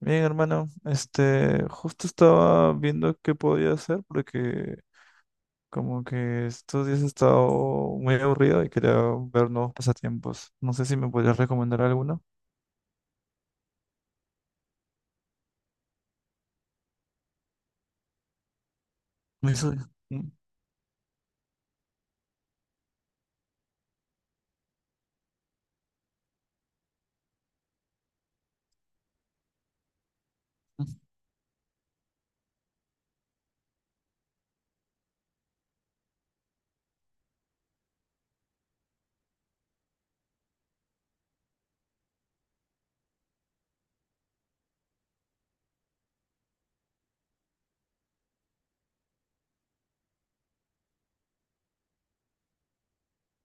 Bien, hermano, justo estaba viendo qué podía hacer porque como que estos días he estado muy aburrido y quería ver nuevos pasatiempos. No sé si me podrías recomendar alguno. Eso,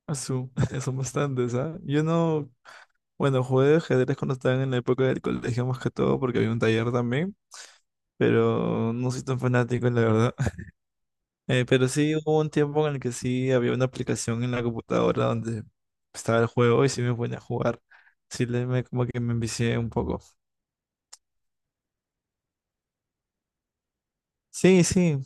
eso, son bastantes, ¿ah? Yo no, bueno, jugué ajedrez cuando estaba en la época del colegio más que todo porque había un taller también, pero no soy tan fanático, la verdad. Pero sí hubo un tiempo en el que sí había una aplicación en la computadora donde estaba el juego y sí me ponía a jugar. Sí, como que me envicié un poco. Sí, sí.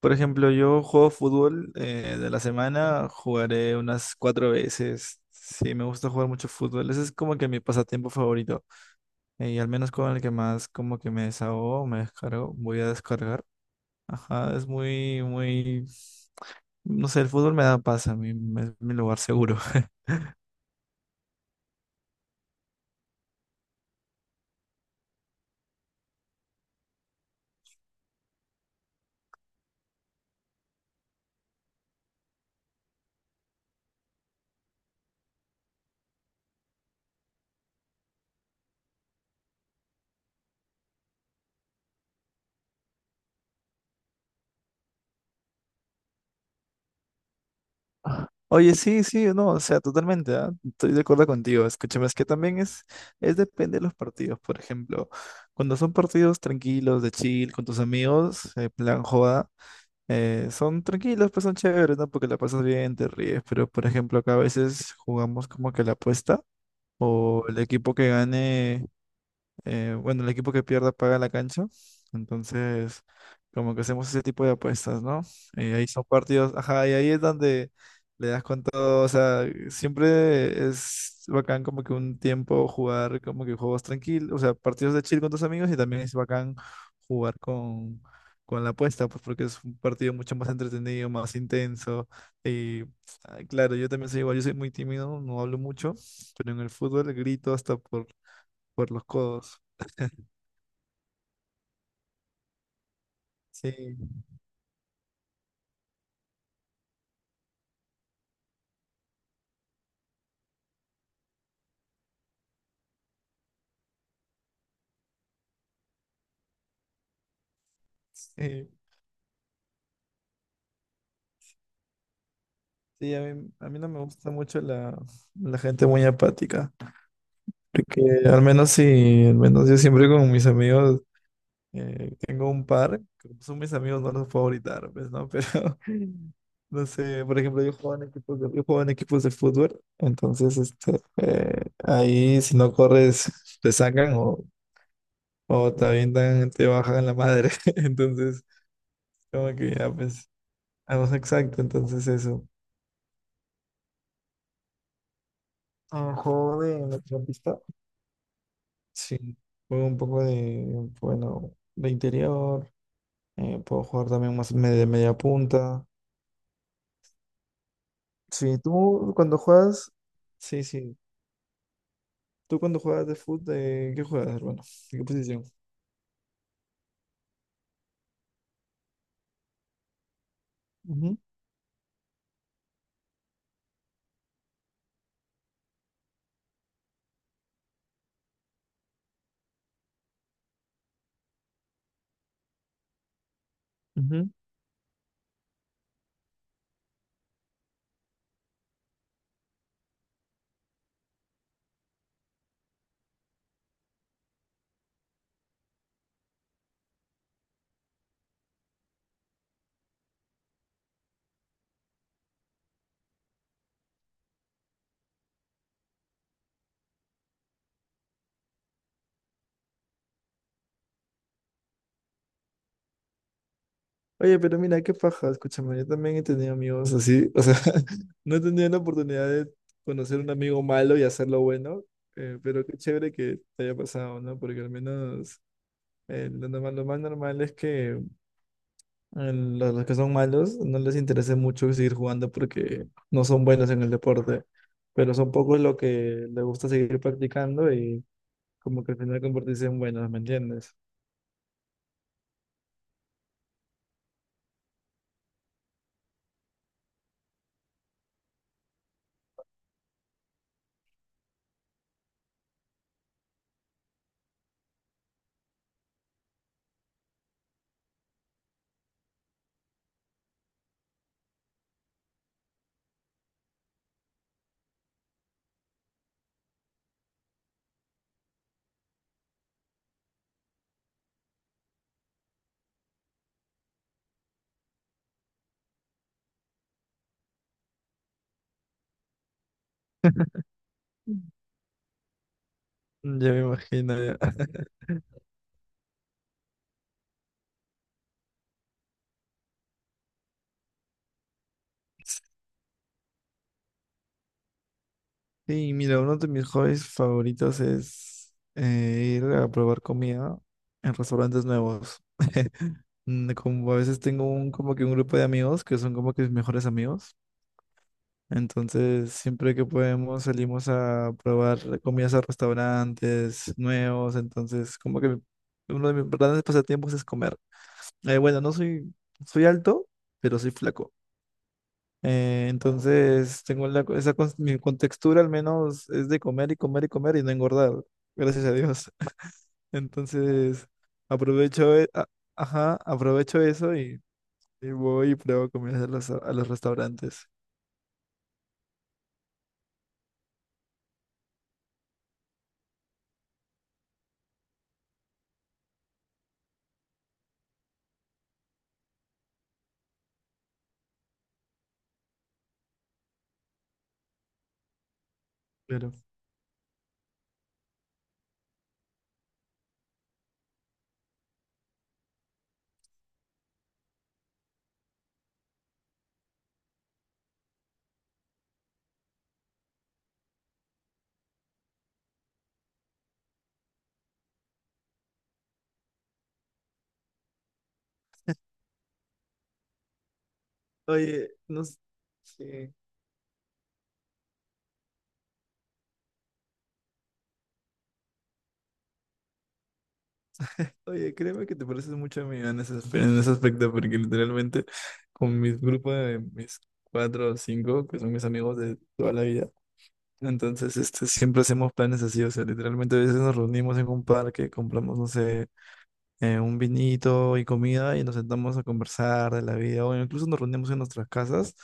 Por ejemplo, yo juego fútbol de la semana, jugaré unas cuatro veces. Sí, me gusta jugar mucho fútbol. Ese es como que mi pasatiempo favorito. Y al menos con el que más como que me desahogo, me descargo, voy a descargar. Ajá, es muy, muy. No sé, el fútbol me da paz a mí, es mi lugar seguro. Oye, sí, sí, no, o sea, totalmente, ¿ah? Estoy de acuerdo contigo. Escúchame, es que también es depende de los partidos. Por ejemplo, cuando son partidos tranquilos, de chill, con tus amigos, plan joda, son tranquilos, pues son chéveres, ¿no? Porque la pasas bien, te ríes. Pero, por ejemplo, acá a veces jugamos como que la apuesta o el equipo que gane bueno, el equipo que pierda paga la cancha. Entonces, como que hacemos ese tipo de apuestas, ¿no? Y ahí son partidos, ajá, y ahí es donde le das con todo, o sea, siempre es bacán como que un tiempo jugar como que juegos tranquilos, o sea, partidos de chill con tus amigos y también es bacán jugar con la apuesta, pues porque es un partido mucho más entretenido, más intenso. Y ah, claro, yo también soy igual, yo soy muy tímido, no hablo mucho, pero en el fútbol grito hasta por los codos. Sí, sí, sí, a mí no me gusta mucho la gente muy apática, porque al menos sí, al menos yo siempre con mis amigos tengo un par, que son mis amigos, no los puedo gritar, pues, ¿no? Pero, no sé, por ejemplo, yo juego en equipos de, yo juego en equipos de fútbol, entonces ahí si no corres te sacan o también te avientan, te bajan la madre, entonces como que ya, pues, ah, no, exacto, entonces eso. Un juego de mediocampista. Sí, juego un poco de, bueno, de interior. Puedo jugar también más de media punta. Sí, tú cuando juegas, sí, sí. Tú cuando juegas de fútbol, ¿de qué juegas, hermano? ¿De qué posición? Ujú, ujú. Oye, pero mira, qué paja, escúchame, yo también he tenido amigos así, o sea, no he tenido la oportunidad de conocer un amigo malo y hacerlo bueno, pero qué chévere que te haya pasado, ¿no? Porque al menos lo normal, lo más normal es que Los que son malos no les interesa mucho seguir jugando porque no son buenos en el deporte, pero son pocos los que les gusta seguir practicando y como que al final convertirse en buenos, ¿me entiendes? Ya me imagino. Ya. Sí, mira, uno de mis hobbies favoritos es ir a probar comida en restaurantes nuevos. Como a veces tengo como que un grupo de amigos que son como que mis mejores amigos. Entonces, siempre que podemos salimos a probar comidas a restaurantes nuevos. Entonces, como que uno de mis grandes pasatiempos es comer. Bueno, no soy, soy alto, pero soy flaco. Entonces, tengo la, co- esa, cons- mi contextura al menos es de comer y comer y comer y no engordar. Gracias a Dios. Entonces, aprovecho, e- a- ajá, aprovecho eso y voy y pruebo comidas a los restaurantes. Oye, no s- sí. Oye, créeme que te pareces mucho a mí en en ese aspecto, porque literalmente con mi grupo de mis cuatro o cinco, que son mis amigos de toda la vida, entonces siempre hacemos planes así, o sea, literalmente a veces nos reunimos en un parque, compramos, no sé, un vinito y comida y nos sentamos a conversar de la vida, o incluso nos reunimos en nuestras casas,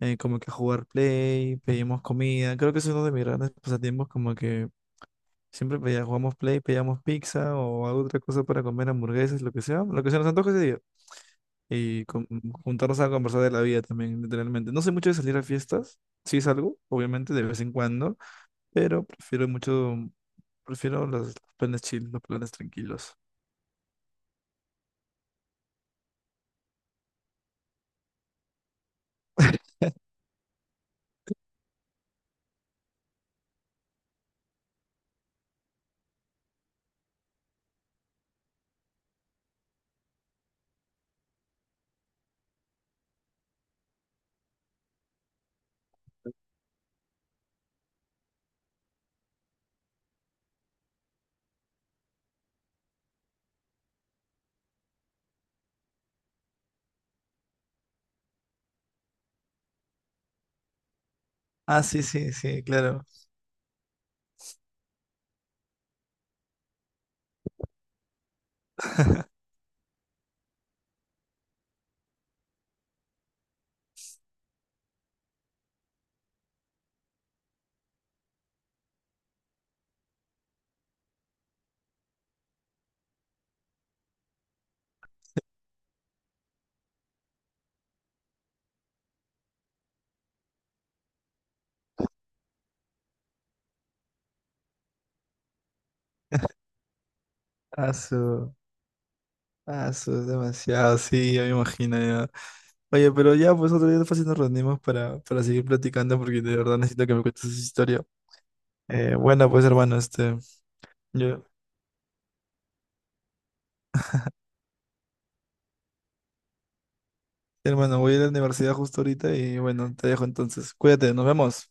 como que a jugar play, pedimos comida, creo que eso es uno de mis grandes pasatiempos, como que jugamos Play, pedíamos pizza o alguna otra cosa para comer hamburguesas, lo que sea, lo que se nos antoje ese día. Y juntarnos a conversar de la vida también, literalmente. No soy mucho de salir a fiestas, sí salgo, obviamente, de vez en cuando, pero prefiero los planes chill, los planes tranquilos. Ah, sí, sí, sí, claro. Ah, su, ah, su, es demasiado, sí, ya me imagino ya. Oye, pero ya, pues otro día fácil nos reunimos para seguir platicando porque de verdad necesito que me cuentes esa historia. Bueno, pues hermano, Ya. Hermano, voy a ir a la universidad justo ahorita y bueno, te dejo entonces. Cuídate, nos vemos.